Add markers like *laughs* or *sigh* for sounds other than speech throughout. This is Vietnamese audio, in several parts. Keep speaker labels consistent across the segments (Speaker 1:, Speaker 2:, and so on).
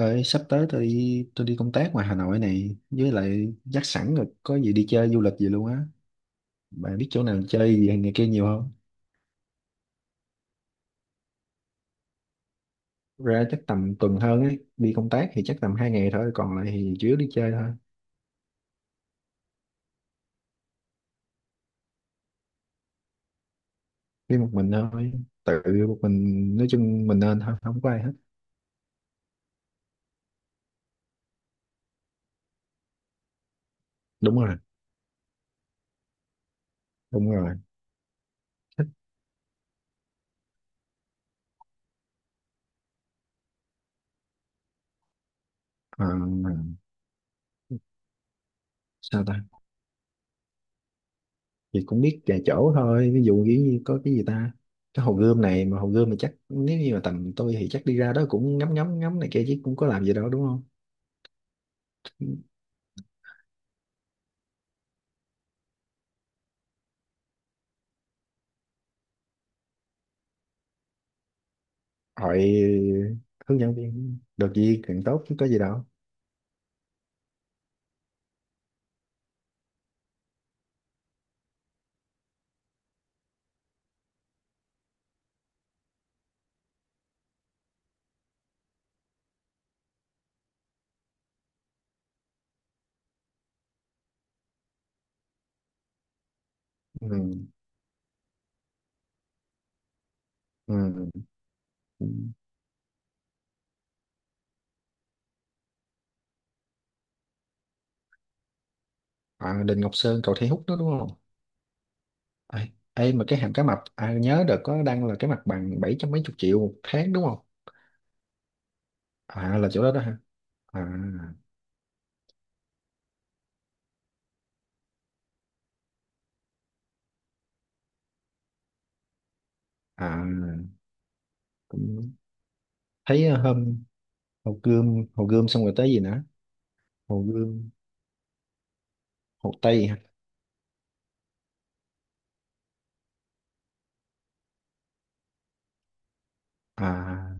Speaker 1: Ơi, sắp tới tôi đi công tác ngoài Hà Nội này với lại dắt sẵn rồi, có gì đi chơi du lịch gì luôn á. Bạn biết chỗ nào chơi gì hay này kia nhiều không? Ra chắc tầm tuần hơn ấy, đi công tác thì chắc tầm 2 ngày thôi, còn lại thì chủ yếu đi chơi thôi. Đi một mình thôi. tự Một mình, nói chung mình nên thôi, không có ai hết. Đúng rồi, đúng rồi, thích. ờ, Sao ta? Thì cũng biết vài chỗ thôi, ví dụ như có cái gì ta, cái hồ gươm này, mà hồ gươm thì chắc nếu như mà tầm tôi thì chắc đi ra đó cũng ngắm ngắm ngắm này kia chứ cũng có làm gì đâu, đúng không? Hỏi hướng dẫn viên được gì càng tốt chứ có gì đâu. Ừ. Ừ. À, Đình Ngọc Sơn, cầu Thi Hút đó đúng không? Ê, mà cái hàm cá mập à, nhớ được có đăng là cái mặt bằng bảy trăm mấy chục triệu một tháng đúng không? À là chỗ đó đó hả? À. À, cũng thấy hôm Hồ Gươm xong rồi tới gì nữa? Hồ Gươm. Hồ Tây hả? À,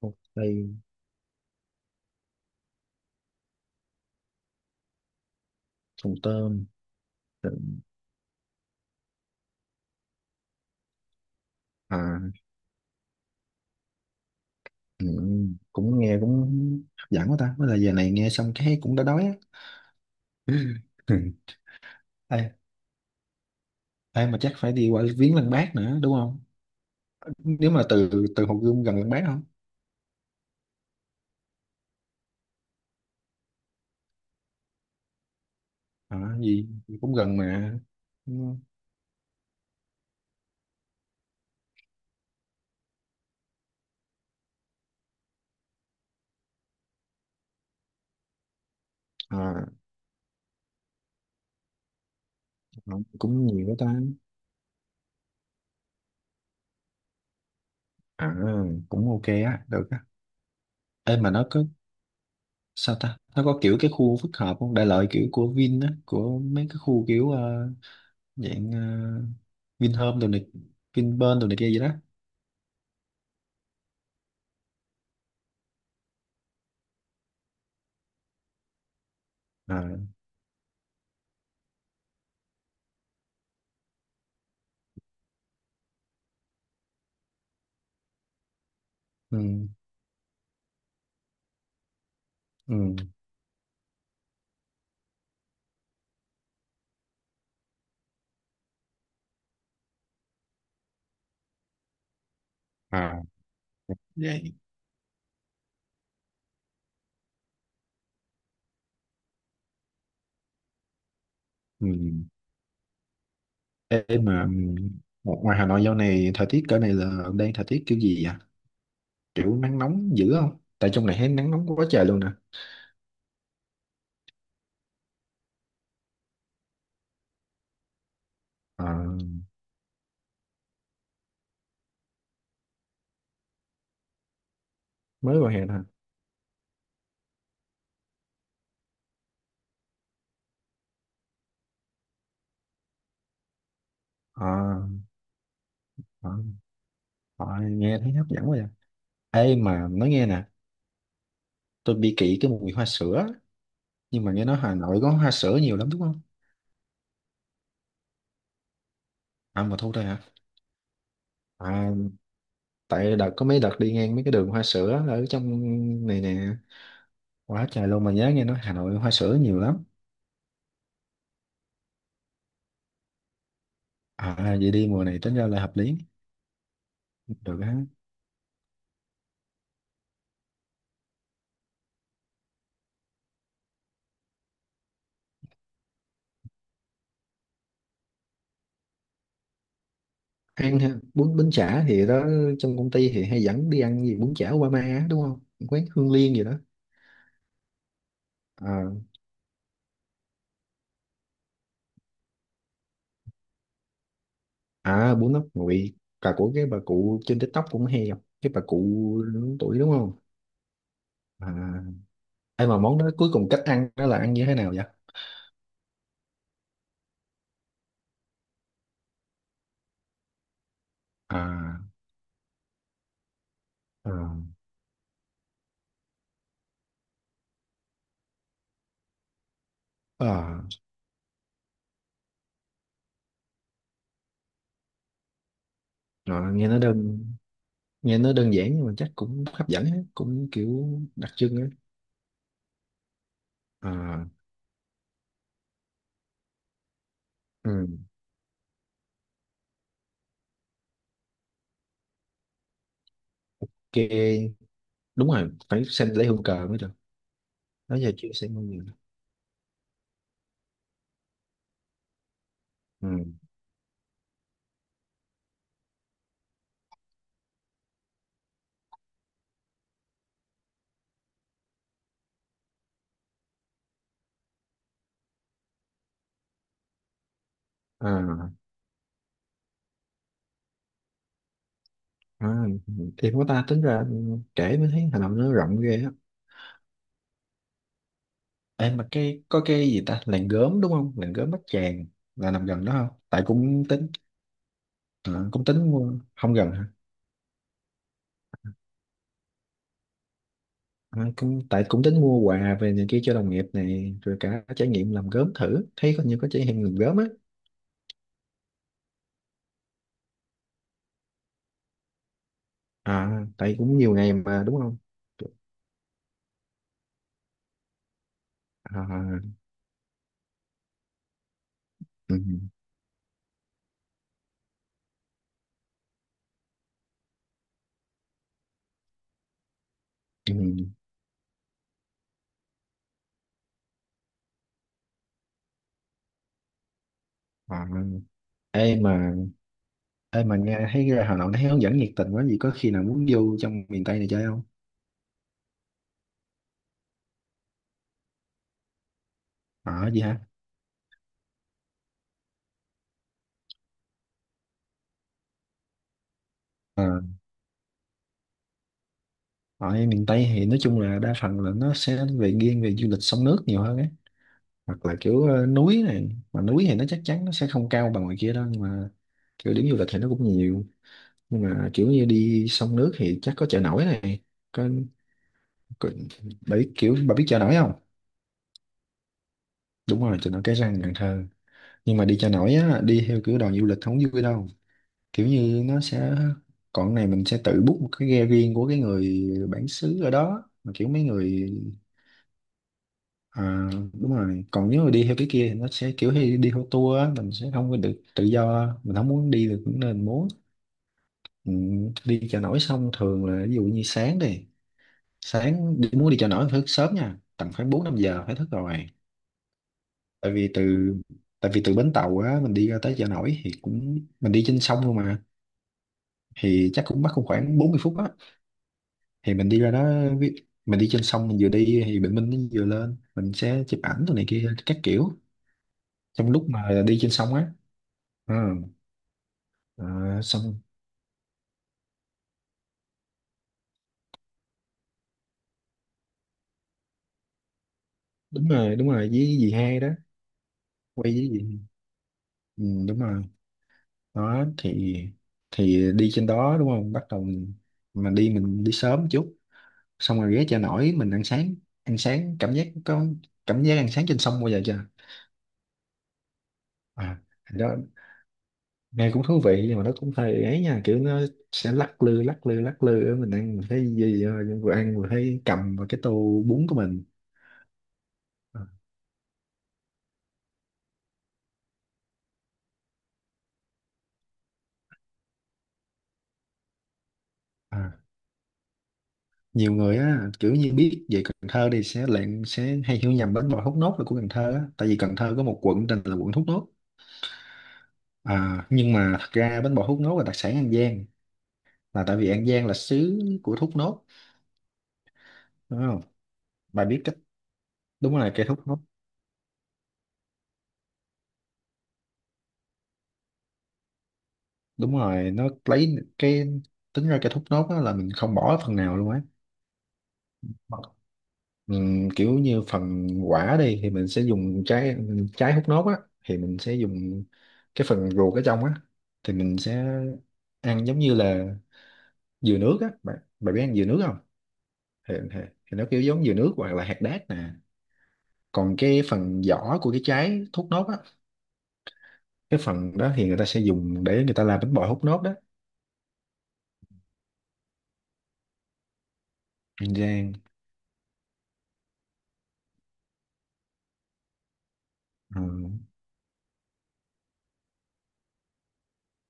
Speaker 1: Hồ Tây. Hồ Tôm. À. Ừ, cũng nghe cũng hấp dẫn quá ta, bây là giờ này nghe xong cái cũng đã đói á. *laughs* Ê, mà chắc phải đi qua viếng Lăng Bác nữa đúng không? Nếu mà từ từ Hồ Gươm gần Lăng Bác không? À, gì gì cũng gần mà. Ừ. À, cũng nhiều đó ta. À, cũng ok á, được á. Ê mà nó có sao ta? Nó có kiểu cái khu phức hợp không? Đại loại kiểu của Vin á, của mấy cái khu kiểu dạng Vinhome đồ này, Vinpearl đồ này kia gì đó. À, ừ, ừ. À, vậy. Ừ. Ê mà ngoài Hà Nội dạo này thời tiết cỡ này là đang thời tiết kiểu gì vậy? Kiểu nắng nóng dữ không? Tại trong này thấy nắng nóng quá trời luôn nè. Ờ, mới vào hè thôi. Ờ, ờ, ờ, nghe thấy hấp dẫn quá vậy. Ê mà nói nghe nè, tôi bị kỵ cái mùi hoa sữa. Nhưng mà nghe nói Hà Nội có hoa sữa nhiều lắm đúng không? À mà thôi thôi hả? À, tại đợt có mấy đợt đi ngang mấy cái đường hoa sữa ở trong này nè. Quá trời luôn mà nhớ nghe nói Hà Nội hoa sữa nhiều lắm. À vậy đi mùa này tính ra là hợp lý. Được á. Ăn ha, bún bún chả thì đó, trong công ty thì hay dẫn đi ăn gì bún chả Obama á, đúng không, quán Hương Liên gì đó. À, à bún ốc nguội là của cái bà cụ trên TikTok, cũng hay gặp cái bà cụ lớn tuổi đúng không? À, ai mà món đó cuối cùng cách ăn đó là ăn như thế nào vậy? À. À. À rồi, nghe nó đơn giản nhưng mà chắc cũng hấp dẫn á, cũng kiểu đặc trưng á. À. Ừ. Ok, đúng rồi phải xem lễ hương cờ mới được. Đó giờ chưa xem món gì. Ừ. À. À, thì của ta tính ra kể mới thấy Hà Nội nó rộng ghê á. Em mà cái có cái gì ta, làng gốm đúng không? Làng gốm Bát Tràng là nằm gần đó không? Tại cũng tính. À, cũng tính mua, không gần hả? À, cũng tại cũng tính mua quà về này kia cho đồng nghiệp này, rồi cả trải nghiệm làm gốm, thử thấy có nhiều, có trải nghiệm làm gốm á. À tại cũng nhiều ngày mà đúng không? À, ừ, ừ, à. Ê mà ê mà nghe thấy ra Hà Nội nó thấy hướng dẫn nhiệt tình quá, gì có khi nào muốn vô trong miền Tây này chơi không? Ở gì hả? À, ở miền Tây thì nói chung là đa phần là nó sẽ về nghiêng về du lịch sông nước nhiều hơn ấy, hoặc là kiểu núi này, mà núi thì nó chắc chắn nó sẽ không cao bằng ngoài kia đâu, nhưng mà kiểu điểm du lịch thì nó cũng nhiều, nhưng mà kiểu như đi sông nước thì chắc có chợ nổi này, có, có, bà biết kiểu bà biết chợ nổi không? Đúng rồi, chợ nổi Cái Răng Cần Thơ, nhưng mà đi chợ nổi á, đi theo kiểu đoàn du lịch không vui đâu. Kiểu như nó sẽ, còn cái này mình sẽ tự book một cái ghe riêng của cái người bản xứ ở đó, mà kiểu mấy người. À, đúng rồi, còn nếu mà đi theo cái kia thì nó sẽ kiểu hay đi theo tour á, mình sẽ không có được tự do, mình không muốn đi được cũng nên muốn. Ừ, đi chợ nổi xong thường là ví dụ như sáng đi, muốn đi chợ nổi phải thức sớm nha, tầm khoảng bốn năm giờ phải thức rồi. tại vì từ tại vì từ bến tàu á, mình đi ra tới chợ nổi thì cũng, mình đi trên sông luôn mà, thì chắc cũng mất cũng khoảng 40 phút á, thì mình đi ra đó. ví- mình đi trên sông, mình vừa đi thì bình minh nó vừa lên, mình sẽ chụp ảnh tụi này kia các kiểu, trong lúc mà đi trên sông á. Ờ. À, xong. Đúng rồi, đúng rồi, với dì hai đó. Quay với dì. Ừ, đúng rồi. Đó thì đi trên đó đúng không, bắt đầu mình, mà đi mình đi sớm chút, xong rồi ghé chợ nổi mình ăn sáng, ăn sáng cảm giác có, cảm giác ăn sáng trên sông bao giờ chưa? À, thì đó, nghe cũng thú vị nhưng mà nó cũng hơi ấy nha, kiểu nó sẽ lắc lư lắc lư lắc lư, mình ăn mình thấy gì, vừa ăn vừa thấy cầm vào cái tô bún của mình. À. À, nhiều người á kiểu như biết về Cần Thơ thì sẽ lại sẽ hay hiểu nhầm bánh bò thốt nốt là của Cần Thơ á, tại vì Cần Thơ có một quận tên là quận Thốt Nốt. À, nhưng mà thật ra bánh bò thốt nốt là đặc sản An Giang, là tại vì An Giang là xứ của thốt nốt đúng không? Bà biết cách. Đúng rồi cây thốt nốt. Đúng rồi nó lấy cái, tính ra cây thốt nốt á là mình không bỏ phần nào luôn á. Vâng. Kiểu như phần quả đi thì mình sẽ dùng trái, trái hút nốt á thì mình sẽ dùng cái phần ruột ở trong á, thì mình sẽ ăn giống như là dừa nước á, bạn bạn biết ăn dừa nước không? Thì nó kiểu giống dừa nước hoặc là hạt đác nè. Còn cái phần vỏ của cái trái hút nốt á, cái phần đó thì người ta sẽ dùng để người ta làm bánh bò hút nốt đó. Bánh rang. Ừ.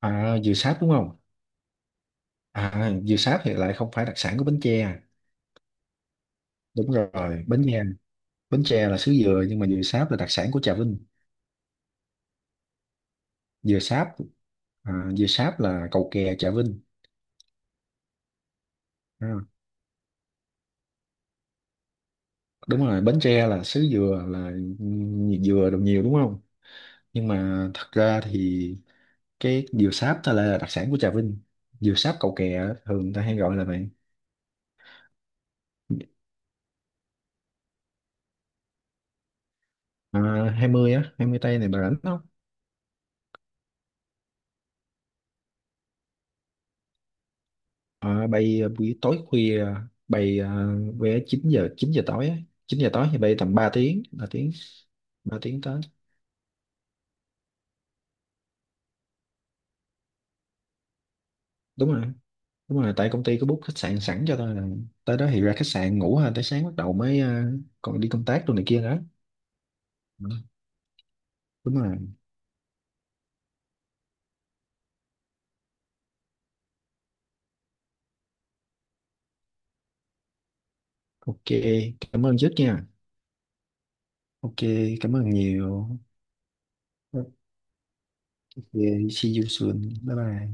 Speaker 1: À, dừa sáp đúng không? À, dừa sáp thì lại không phải đặc sản của Bến Tre à. Đúng rồi bánh. Bến Tre là xứ dừa nhưng mà dừa sáp là đặc sản của Trà Vinh. Dừa sáp. À, dừa sáp là cầu kè Trà Vinh. À, đúng rồi Bến Tre là xứ dừa, là nhiều dừa đồ nhiều đúng không, nhưng mà thật ra thì cái dừa sáp ta là đặc sản của Trà Vinh, dừa sáp cầu kè á, thường ta hay gọi là vậy. À, 20 á, 20 tây này bà rảnh không? À, bay buổi tối khuya. Bay vé chín giờ tối á. 9 giờ tối thì bay tầm ba tiếng tới. Đúng rồi. Đúng rồi, tại công ty có book khách sạn sẵn cho tôi là tới đó thì ra khách sạn ngủ ha, tới sáng bắt đầu mới còn đi công tác đồ này kia đó. Ừ, đúng rồi. Ok, cảm ơn trước nha. Ok, cảm ơn nhiều. Ok, see you soon. Bye bye.